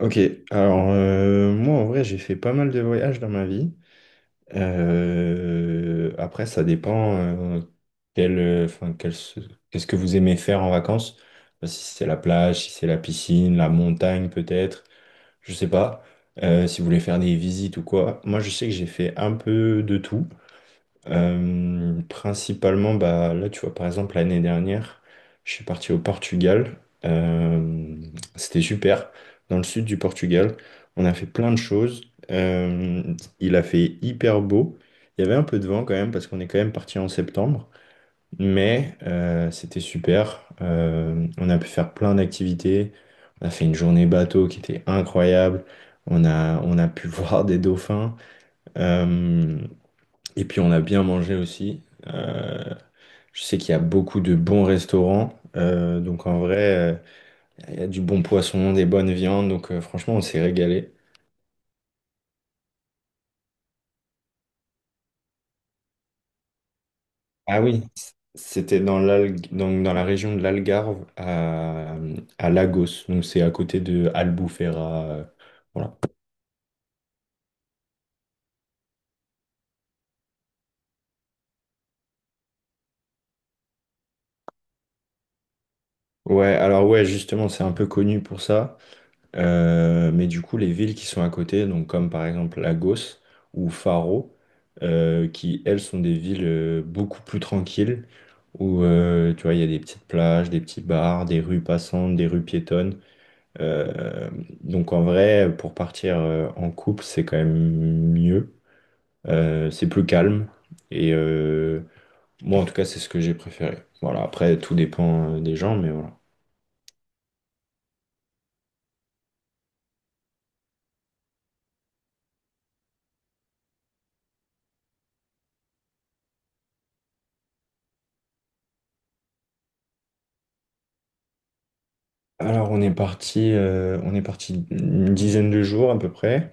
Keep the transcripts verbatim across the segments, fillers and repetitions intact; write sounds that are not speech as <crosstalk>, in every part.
Ok, alors euh, moi en vrai j'ai fait pas mal de voyages dans ma vie. Euh, après ça dépend euh, quel, euh, enfin, quel se- qu'est-ce que vous aimez faire en vacances. Euh, Si c'est la plage, si c'est la piscine, la montagne peut-être, je sais pas. Euh, si vous voulez faire des visites ou quoi. Moi je sais que j'ai fait un peu de tout. Euh, principalement, bah, là, tu vois, par exemple, l'année dernière, je suis parti au Portugal. Euh, C'était super. Dans le sud du Portugal, on a fait plein de choses. Euh, il a fait hyper beau. Il y avait un peu de vent quand même, parce qu'on est quand même parti en septembre. Mais euh, c'était super. Euh, on a pu faire plein d'activités. On a fait une journée bateau qui était incroyable. On a, on a pu <laughs> voir des dauphins. Euh, et puis on a bien mangé aussi. Euh, je sais qu'il y a beaucoup de bons restaurants. Euh, donc en vrai, euh, il y a du bon poisson, des bonnes viandes. Donc euh, franchement, on s'est régalé. Ah oui, c- c'était dans l'Al- donc dans la région de l'Algarve à, à Lagos. Donc c'est à côté de Albufeira. Euh, voilà. Ouais, alors ouais, justement, c'est un peu connu pour ça. Euh, mais du coup, les villes qui sont à côté, donc comme par exemple Lagos ou Faro, euh, qui elles sont des villes euh, beaucoup plus tranquilles, où euh, tu vois, il y a des petites plages, des petits bars, des rues passantes, des rues piétonnes. Euh, donc en vrai, pour partir euh, en couple, c'est quand même mieux. Euh, c'est plus calme. Et euh, moi, en tout cas, c'est ce que j'ai préféré. Voilà, après, tout dépend euh, des gens, mais voilà. Alors on est parti, euh, on est parti une dizaine de jours à peu près,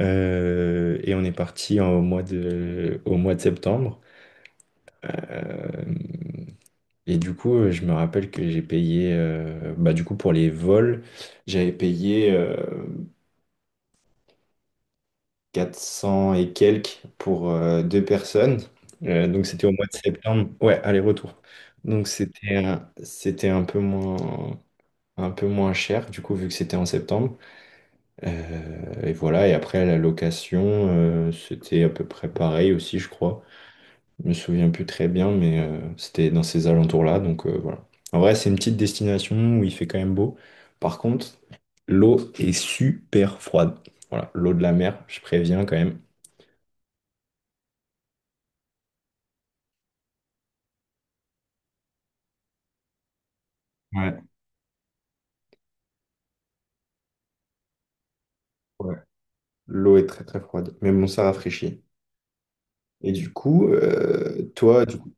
euh, et on est parti en- au mois de, au mois de septembre. Euh, et du coup, euh, je me rappelle que j'ai payé, euh, bah du coup pour les vols, j'avais payé euh, quatre cents et quelques pour euh, deux personnes. Euh, donc c'était au mois de septembre, ouais, aller-retour. Donc c'était, un- c'était un peu moins, un peu moins cher du coup vu que c'était en septembre. Euh, et voilà, et après la location, euh, c'était à peu près pareil aussi, je crois. Je me souviens plus très bien, mais euh, c'était dans ces alentours-là, donc euh, voilà. En vrai, c'est une petite destination où il fait quand même beau. Par contre, l'eau est super froide. Voilà, l'eau de la mer, je préviens quand même. Ouais. Ouais. L'eau est très très froide, mais bon, ça rafraîchit. Et du coup, euh, toi, du coup,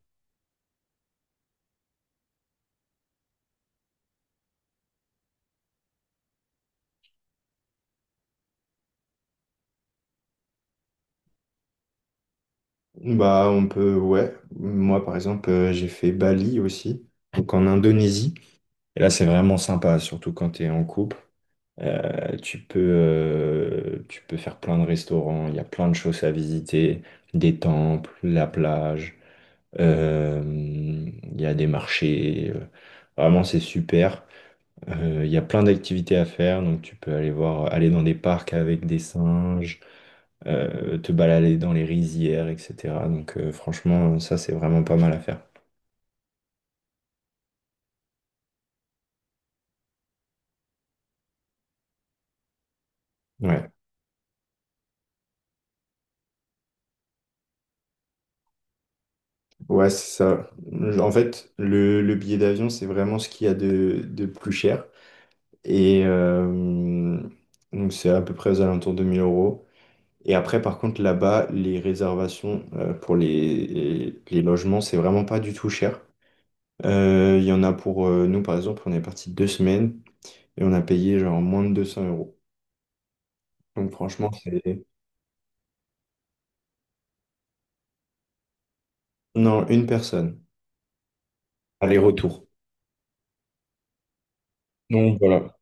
bah on peut, ouais. Moi, par exemple, euh, j'ai fait Bali aussi, donc en Indonésie. Et là, c'est vraiment sympa, surtout quand tu es en couple. Euh, tu peux, euh, tu peux faire plein de restaurants, il y a plein de choses à visiter, des temples, la plage, euh, il y a des marchés. euh, Vraiment, c'est super. Euh, Il y a plein d'activités à faire, donc tu peux aller voir, aller dans des parcs avec des singes, euh, te balader dans les rizières, et cætera. Donc euh, franchement, ça, c'est vraiment pas mal à faire. Ouais. Ouais, c'est ça. En fait, le, le billet d'avion, c'est vraiment ce qu'il y a de, de plus cher. Et euh, donc, c'est à peu près aux alentours de mille euros. Et après, par contre, là-bas, les réservations euh, pour les, les logements, c'est vraiment pas du tout cher. Euh, Il y en a pour euh, nous, par exemple, on est parti deux semaines et on a payé genre moins de deux cents euros. Donc, franchement, c'est. Non, une personne. Aller-retour. Donc, voilà.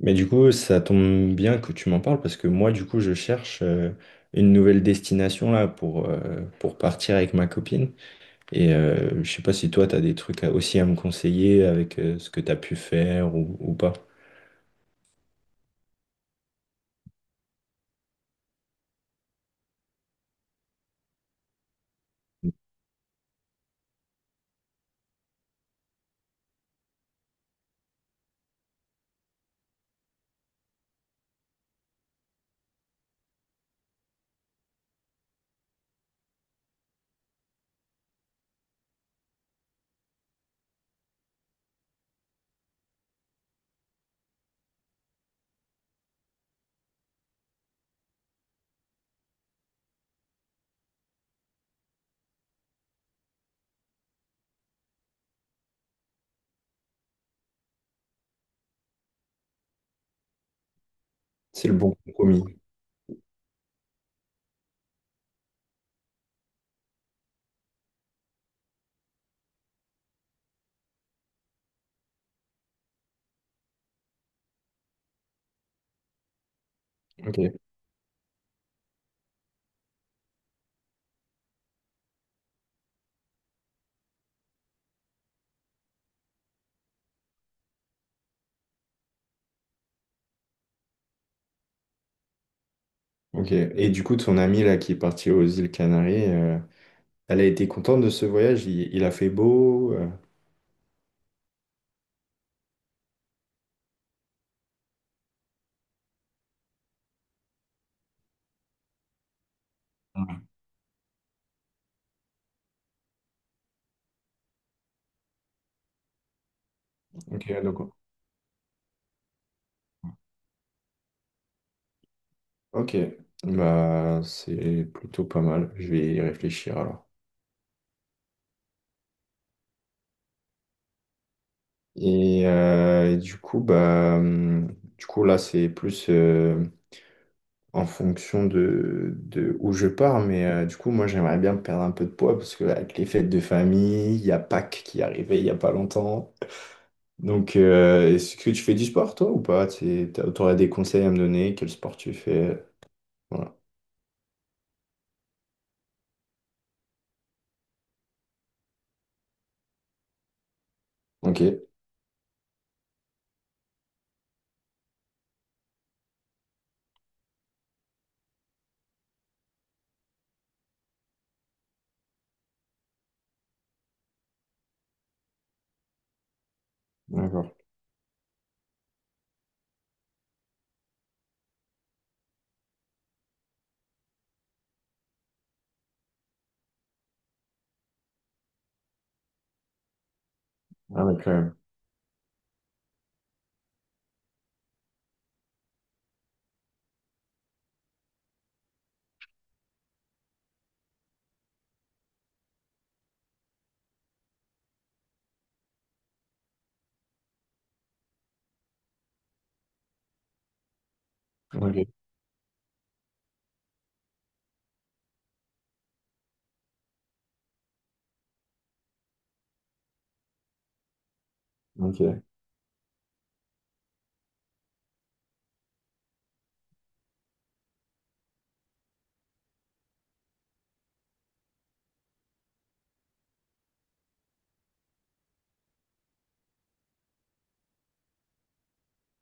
Mais du coup, ça tombe bien que tu m'en parles parce que moi, du coup, je cherche euh, une nouvelle destination là pour, euh, pour partir avec ma copine. Et euh, je sais pas si toi, tu as des trucs à- aussi à me conseiller avec euh, ce que tu as pu faire ou, ou pas. C'est le bon compromis. Ok, ok. Et du coup, ton ami là qui est parti aux îles Canaries, euh, elle a été contente de ce voyage? Il, il a fait beau? euh, Ok, donc, ok. Bah, c'est plutôt pas mal. Je vais y réfléchir alors. Et, euh, et du coup, bah, hum, du coup, là, c'est plus euh, en fonction de, de où je pars. Mais euh, du coup, moi, j'aimerais bien perdre un peu de poids parce que avec les fêtes de famille, il y a Pâques qui est arrivé il n'y a pas longtemps. Donc, euh, est-ce que tu fais du sport, toi, ou pas? Tu aurais des conseils à me donner? Quel sport tu fais? Voilà. Ok, d'accord. Ah ouais, quand même. Ok, ok.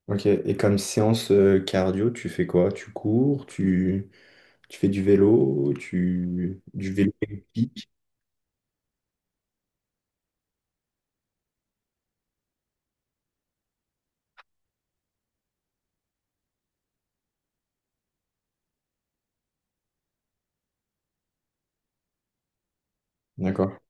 Ok. Et comme séance euh, cardio, tu fais quoi? Tu cours? Tu... Tu fais du vélo, tu... du vélo épique. D'accord.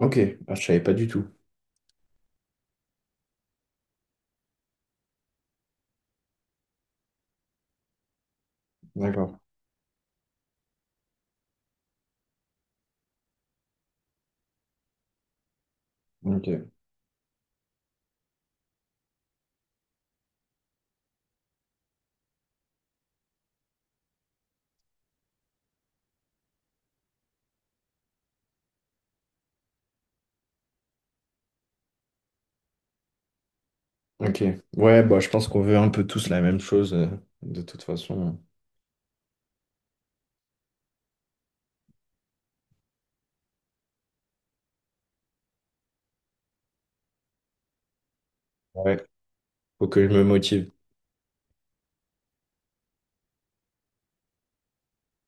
Ok. Ah, je savais pas du tout. D'accord. Ok. Ok. Ouais, bah, je pense qu'on veut un peu tous la même chose, euh, de toute façon. Ouais. Faut que je me motive.